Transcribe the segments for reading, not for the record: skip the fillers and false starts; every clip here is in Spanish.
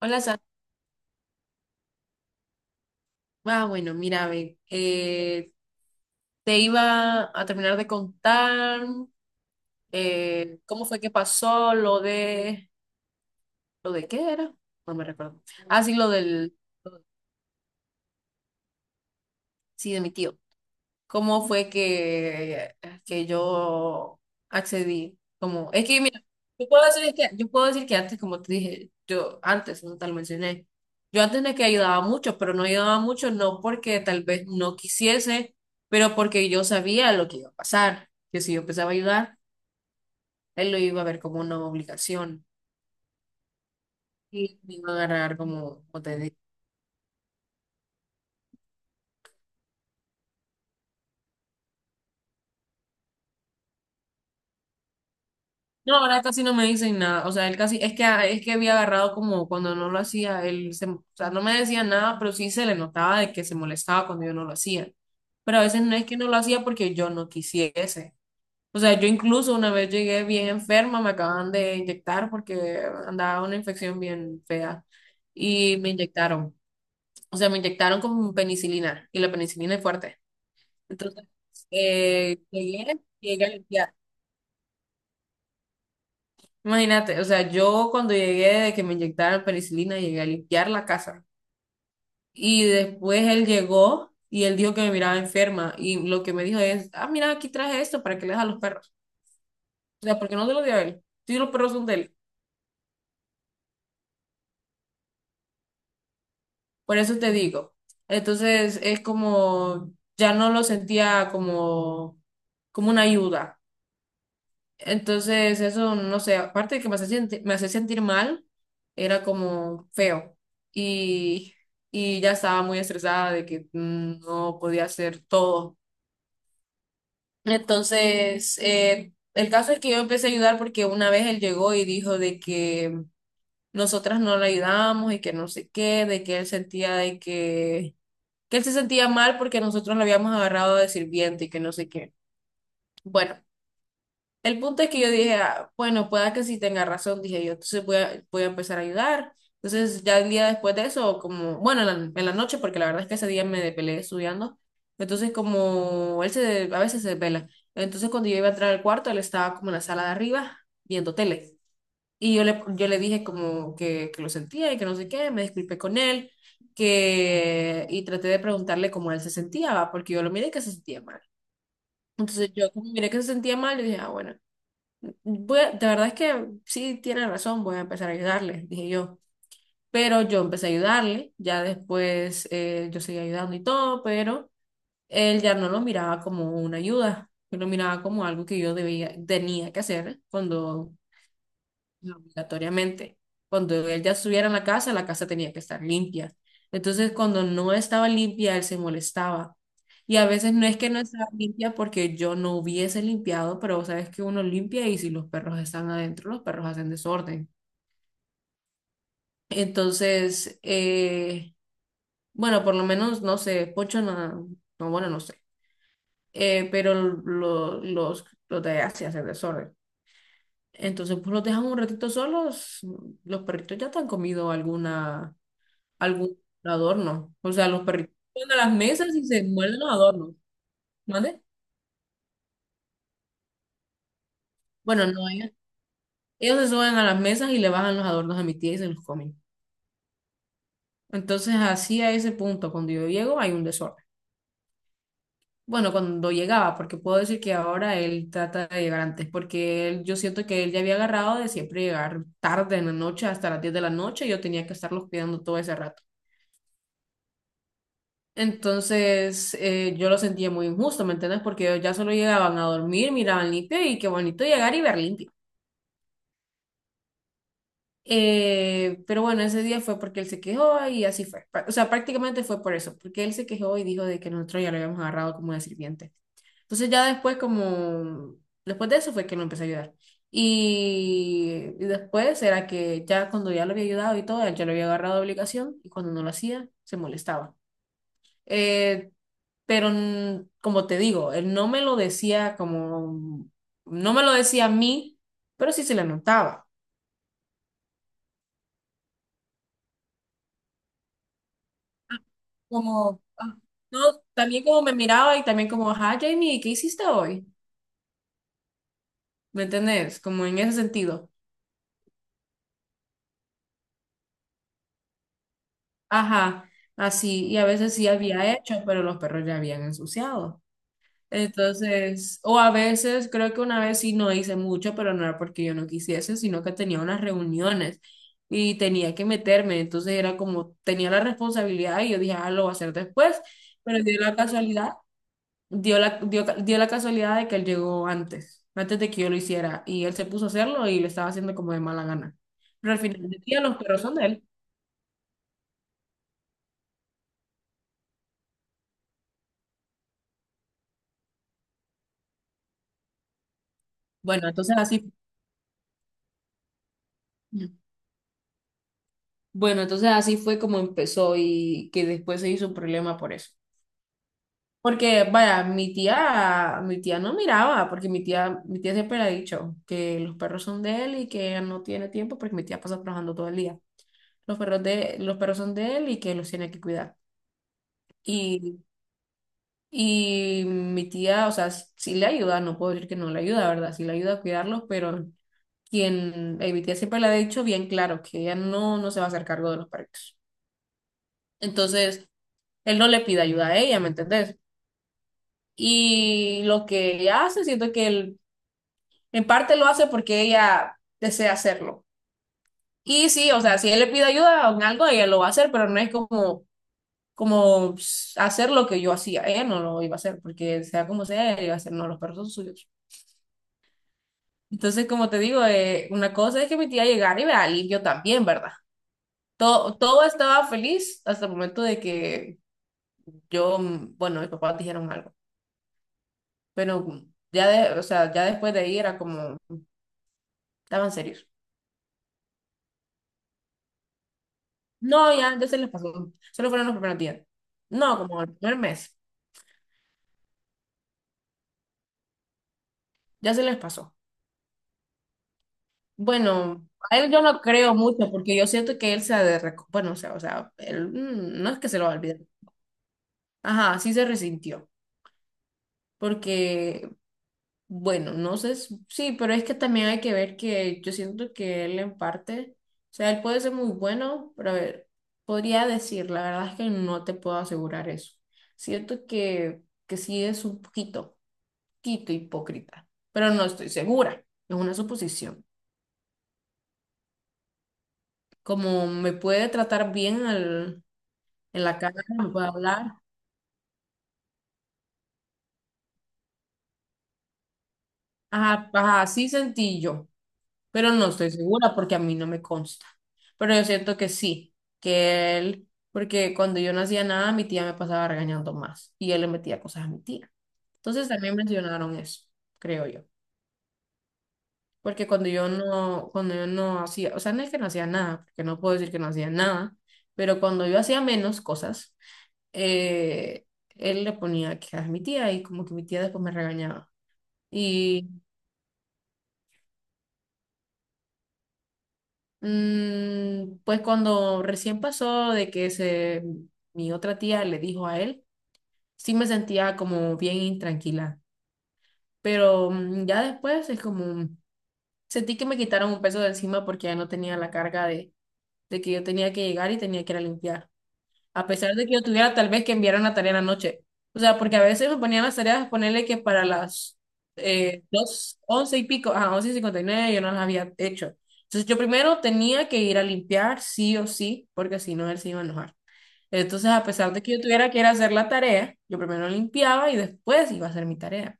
Hola, Sa- bueno, mira, ve, te iba a terminar de contar cómo fue que pasó ¿lo de qué era? No me recuerdo. Ah, sí, lo del, sí, de mi tío. Cómo fue que yo accedí. Como, es que mira, yo puedo decir que antes, como te dije, yo antes, no te lo mencioné, yo antes de que ayudaba mucho, pero no ayudaba mucho no porque tal vez no quisiese, pero porque yo sabía lo que iba a pasar, que si yo empezaba a ayudar, él lo iba a ver como una obligación y me iba a agarrar como, no, ahora casi no me dicen nada. O sea, él casi, es que había agarrado como cuando no lo hacía, él se, o sea, no me decía nada, pero sí se le notaba de que se molestaba cuando yo no lo hacía. Pero a veces no es que no lo hacía porque yo no quisiese. O sea, yo incluso una vez llegué bien enferma, me acaban de inyectar porque andaba una infección bien fea y me inyectaron. O sea, me inyectaron con penicilina y la penicilina es fuerte. Entonces, eh, llegué, llegué, imagínate, o sea, yo cuando llegué de que me inyectaron penicilina, llegué a limpiar la casa. Y después él llegó y él dijo que me miraba enferma. Y lo que me dijo es, ah, mira, aquí traje esto para que le des a los perros. O sea, porque no se lo dio a él. Sí, los perros son de él. Por eso te digo. Entonces es como, ya no lo sentía como, como una ayuda. Entonces, eso, no sé, aparte de que me hace sentir mal, era como feo. Y, y ya estaba muy estresada de que no podía hacer todo. Entonces, el caso es que yo empecé a ayudar porque una vez él llegó y dijo de que nosotras no le ayudamos y que no sé qué, de que él sentía de que él se sentía mal porque nosotros lo habíamos agarrado de sirviente y que no sé qué. Bueno. El punto es que yo dije, "Ah, bueno, pueda que sí tenga razón, dije yo, entonces voy a empezar a ayudar. Entonces ya el día después de eso, como, bueno, en la noche, porque la verdad es que ese día me depelé estudiando, entonces como él se, a veces se desvela, entonces cuando yo iba a entrar al cuarto, él estaba como en la sala de arriba viendo tele. Y yo le dije como que lo sentía y que no sé qué, me disculpé con él, que, y traté de preguntarle cómo él se sentía, ¿va? Porque yo lo miré que se sentía mal. Entonces yo como miré que se sentía mal, yo dije, ah, bueno, de verdad es que sí tiene razón, voy a empezar a ayudarle, dije yo. Pero yo empecé a ayudarle, ya después yo seguí ayudando y todo, pero él ya no lo miraba como una ayuda, él lo miraba como algo que yo debía, tenía que hacer cuando no, obligatoriamente. Cuando él ya estuviera en la casa tenía que estar limpia. Entonces, cuando no estaba limpia, él se molestaba. Y a veces no es que no estaba limpia porque yo no hubiese limpiado, pero sabes que uno limpia y si los perros están adentro, los perros hacen desorden. Entonces, bueno, por lo menos, no sé, Pocho no, no, bueno, no sé, eh, pero lo- los de allá sí hacen desorden. Entonces, pues los dejan un ratito solos, los perritos ya te han comido alguna algún adorno. O sea, los perritos se suben a las mesas y se muerden los adornos. ¿Mande? Bueno, no, ellos se suben a las mesas y le bajan los adornos a mi tía y se los comen. Entonces, así a ese punto, cuando yo llego, hay un desorden. Bueno, cuando llegaba, porque puedo decir que ahora él trata de llegar antes, porque él- yo siento que él ya había agarrado de siempre llegar tarde en la noche, hasta las 10 de la noche, y yo tenía que estarlos cuidando todo ese rato. Entonces, yo lo sentía muy injusto, ¿me entiendes? Porque ellos ya solo llegaban a dormir, miraban limpio y qué bonito llegar y ver limpio. Pero bueno, ese día fue porque él se quejó y así fue. Pra- O sea, prácticamente fue por eso, porque él se quejó y dijo de que nosotros ya lo habíamos agarrado como de sirviente. Entonces ya después como, después de eso fue que lo empecé a ayudar. Y después era que ya cuando ya lo había ayudado y todo, él ya lo había agarrado de obligación y cuando no lo hacía, se molestaba. Eh, pero como te digo, él no me lo decía como, no me lo decía a mí, pero sí se le notaba. Como, ah, no, también como me miraba y también como, ajá, Jamie, ¿qué hiciste hoy? ¿Me entendés? Como en ese sentido. Ajá, así, y a veces sí había hecho, pero los perros ya habían ensuciado. Entonces, o a veces, creo que una vez sí no hice mucho, pero no era porque yo no quisiese, sino que tenía unas reuniones y tenía que meterme. Entonces era como, tenía la responsabilidad y yo dije, ah, lo voy a hacer después, pero dio la casualidad de que él llegó antes, antes de que yo lo hiciera, y él se puso a hacerlo y le estaba haciendo como de mala gana. Pero al final del día los perros son de él. Bueno, entonces así, bueno, entonces así fue como empezó y que después se hizo un problema por eso. Porque, vaya, mi tía no miraba, porque mi tía siempre le ha dicho que los perros son de él y que ella no tiene tiempo porque mi tía pasa trabajando todo el día. Los perros de, los perros son de él y que los tiene que cuidar. Y y mi tía, o sea, sí le ayuda, no puedo decir que no le ayuda, ¿verdad? Sí le ayuda a cuidarlos, pero quien, mi tía siempre le ha dicho bien claro que ella no, no se va a hacer cargo de los perritos. Entonces, él no le pide ayuda a ella, ¿me entendés? Y lo que ella hace, siento que él, en parte lo hace porque ella desea hacerlo. Y sí, o sea, si él le pide ayuda en algo, ella lo va a hacer, pero no es como, como pss, hacer lo que yo hacía. Ella no lo iba a hacer, porque sea como sea, ella iba a hacer, no, los perros son suyos. Entonces, como te digo, una cosa es que mi tía llegara y me la limpio también, ¿verdad? Todo, todo estaba feliz hasta el momento de que yo, bueno, mis papás dijeron algo, pero ya de, o sea, ya después de ahí era como, estaban serios. No, ya, ya se les pasó, solo fueron los primeros días. No, como el primer mes, ya se les pasó. Bueno, a él yo no creo mucho porque yo siento que él se ha de, reco- bueno, o sea, él, no es que se lo va a olvidar. Ajá, sí se resintió porque bueno, no sé, s- sí, pero es que también hay que ver que yo siento que él en parte, o sea, él puede ser muy bueno, pero a ver, podría decir, la verdad es que no te puedo asegurar eso. Siento que sí es un poquito, poquito hipócrita, pero no estoy segura, es una suposición. Como me puede tratar bien al- en la cara, me puede hablar, ajá, ajá, así sentí yo. Pero no estoy segura porque a mí no me consta. Pero yo siento que sí, que él, porque cuando yo no hacía nada, mi tía me pasaba regañando más y él le metía cosas a mi tía. Entonces también mencionaron eso, creo yo. Porque cuando yo no hacía, o sea, no es que no hacía nada, porque no puedo decir que no hacía nada, pero cuando yo hacía menos cosas, eh, él le ponía quejas a mi tía y como que mi tía después me regañaba. Pues cuando recién pasó de que se, mi otra tía le dijo a él, sí me sentía como bien intranquila, pero ya después es como, sentí que me quitaron un peso de encima porque ya no tenía la carga de que yo tenía que llegar y tenía que ir a limpiar a pesar de que yo tuviera tal vez que enviar una tarea en la noche. O sea, porque a veces me ponían las tareas, ponerle que para las dos, once y pico, a 11:59 yo no las había hecho. Entonces yo primero tenía que ir a limpiar sí o sí, porque si no él se iba a enojar. Entonces, a pesar de que yo tuviera que ir a hacer la tarea, yo primero limpiaba y después iba a hacer mi tarea.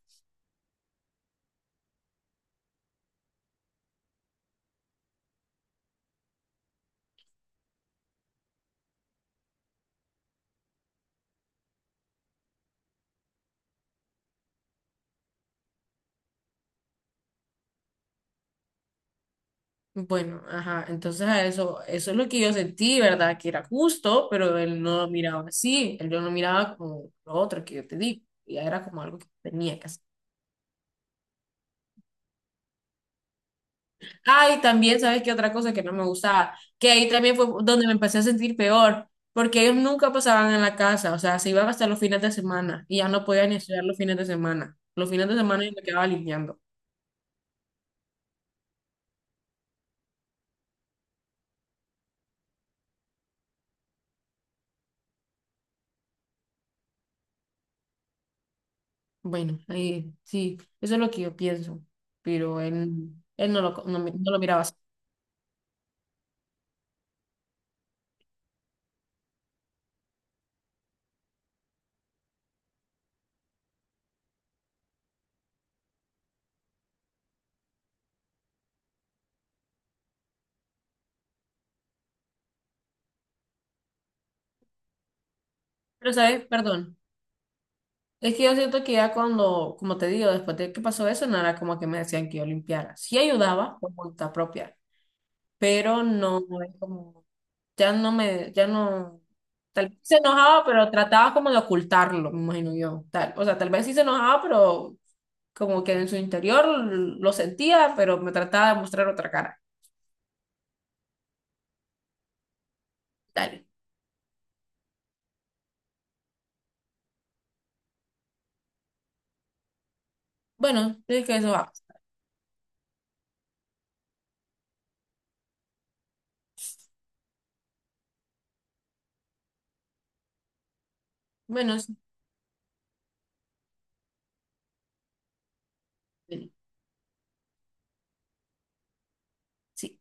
Bueno, ajá, entonces a eso, eso es lo que yo sentí, ¿verdad? Que era justo, pero él no lo miraba así, él no lo miraba como lo otro que yo te digo, ya era como algo que tenía que hacer. Ah, y también, ¿sabes qué otra cosa que no me gustaba? Que ahí también fue donde me empecé a sentir peor, porque ellos nunca pasaban en la casa, o sea, se iban hasta los fines de semana y ya no podía ni estudiar los fines de semana. Los fines de semana yo me quedaba limpiando. Bueno, ahí sí, eso es lo que yo pienso, pero él no lo, no me- no lo miraba así. Pero, ¿sabes? Perdón. Es que yo siento que ya cuando, como te digo, después de que pasó eso, no era como que me decían que yo limpiara. Sí ayudaba por voluntad propia, pero no no es como, ya no me, ya no, tal vez se enojaba, pero trataba como de ocultarlo, me imagino yo. Tal, o sea, tal vez sí se enojaba, pero como que en su interior lo sentía, pero me trataba de mostrar otra cara. Tal bueno, es que eso va. Bueno, sí. Sí.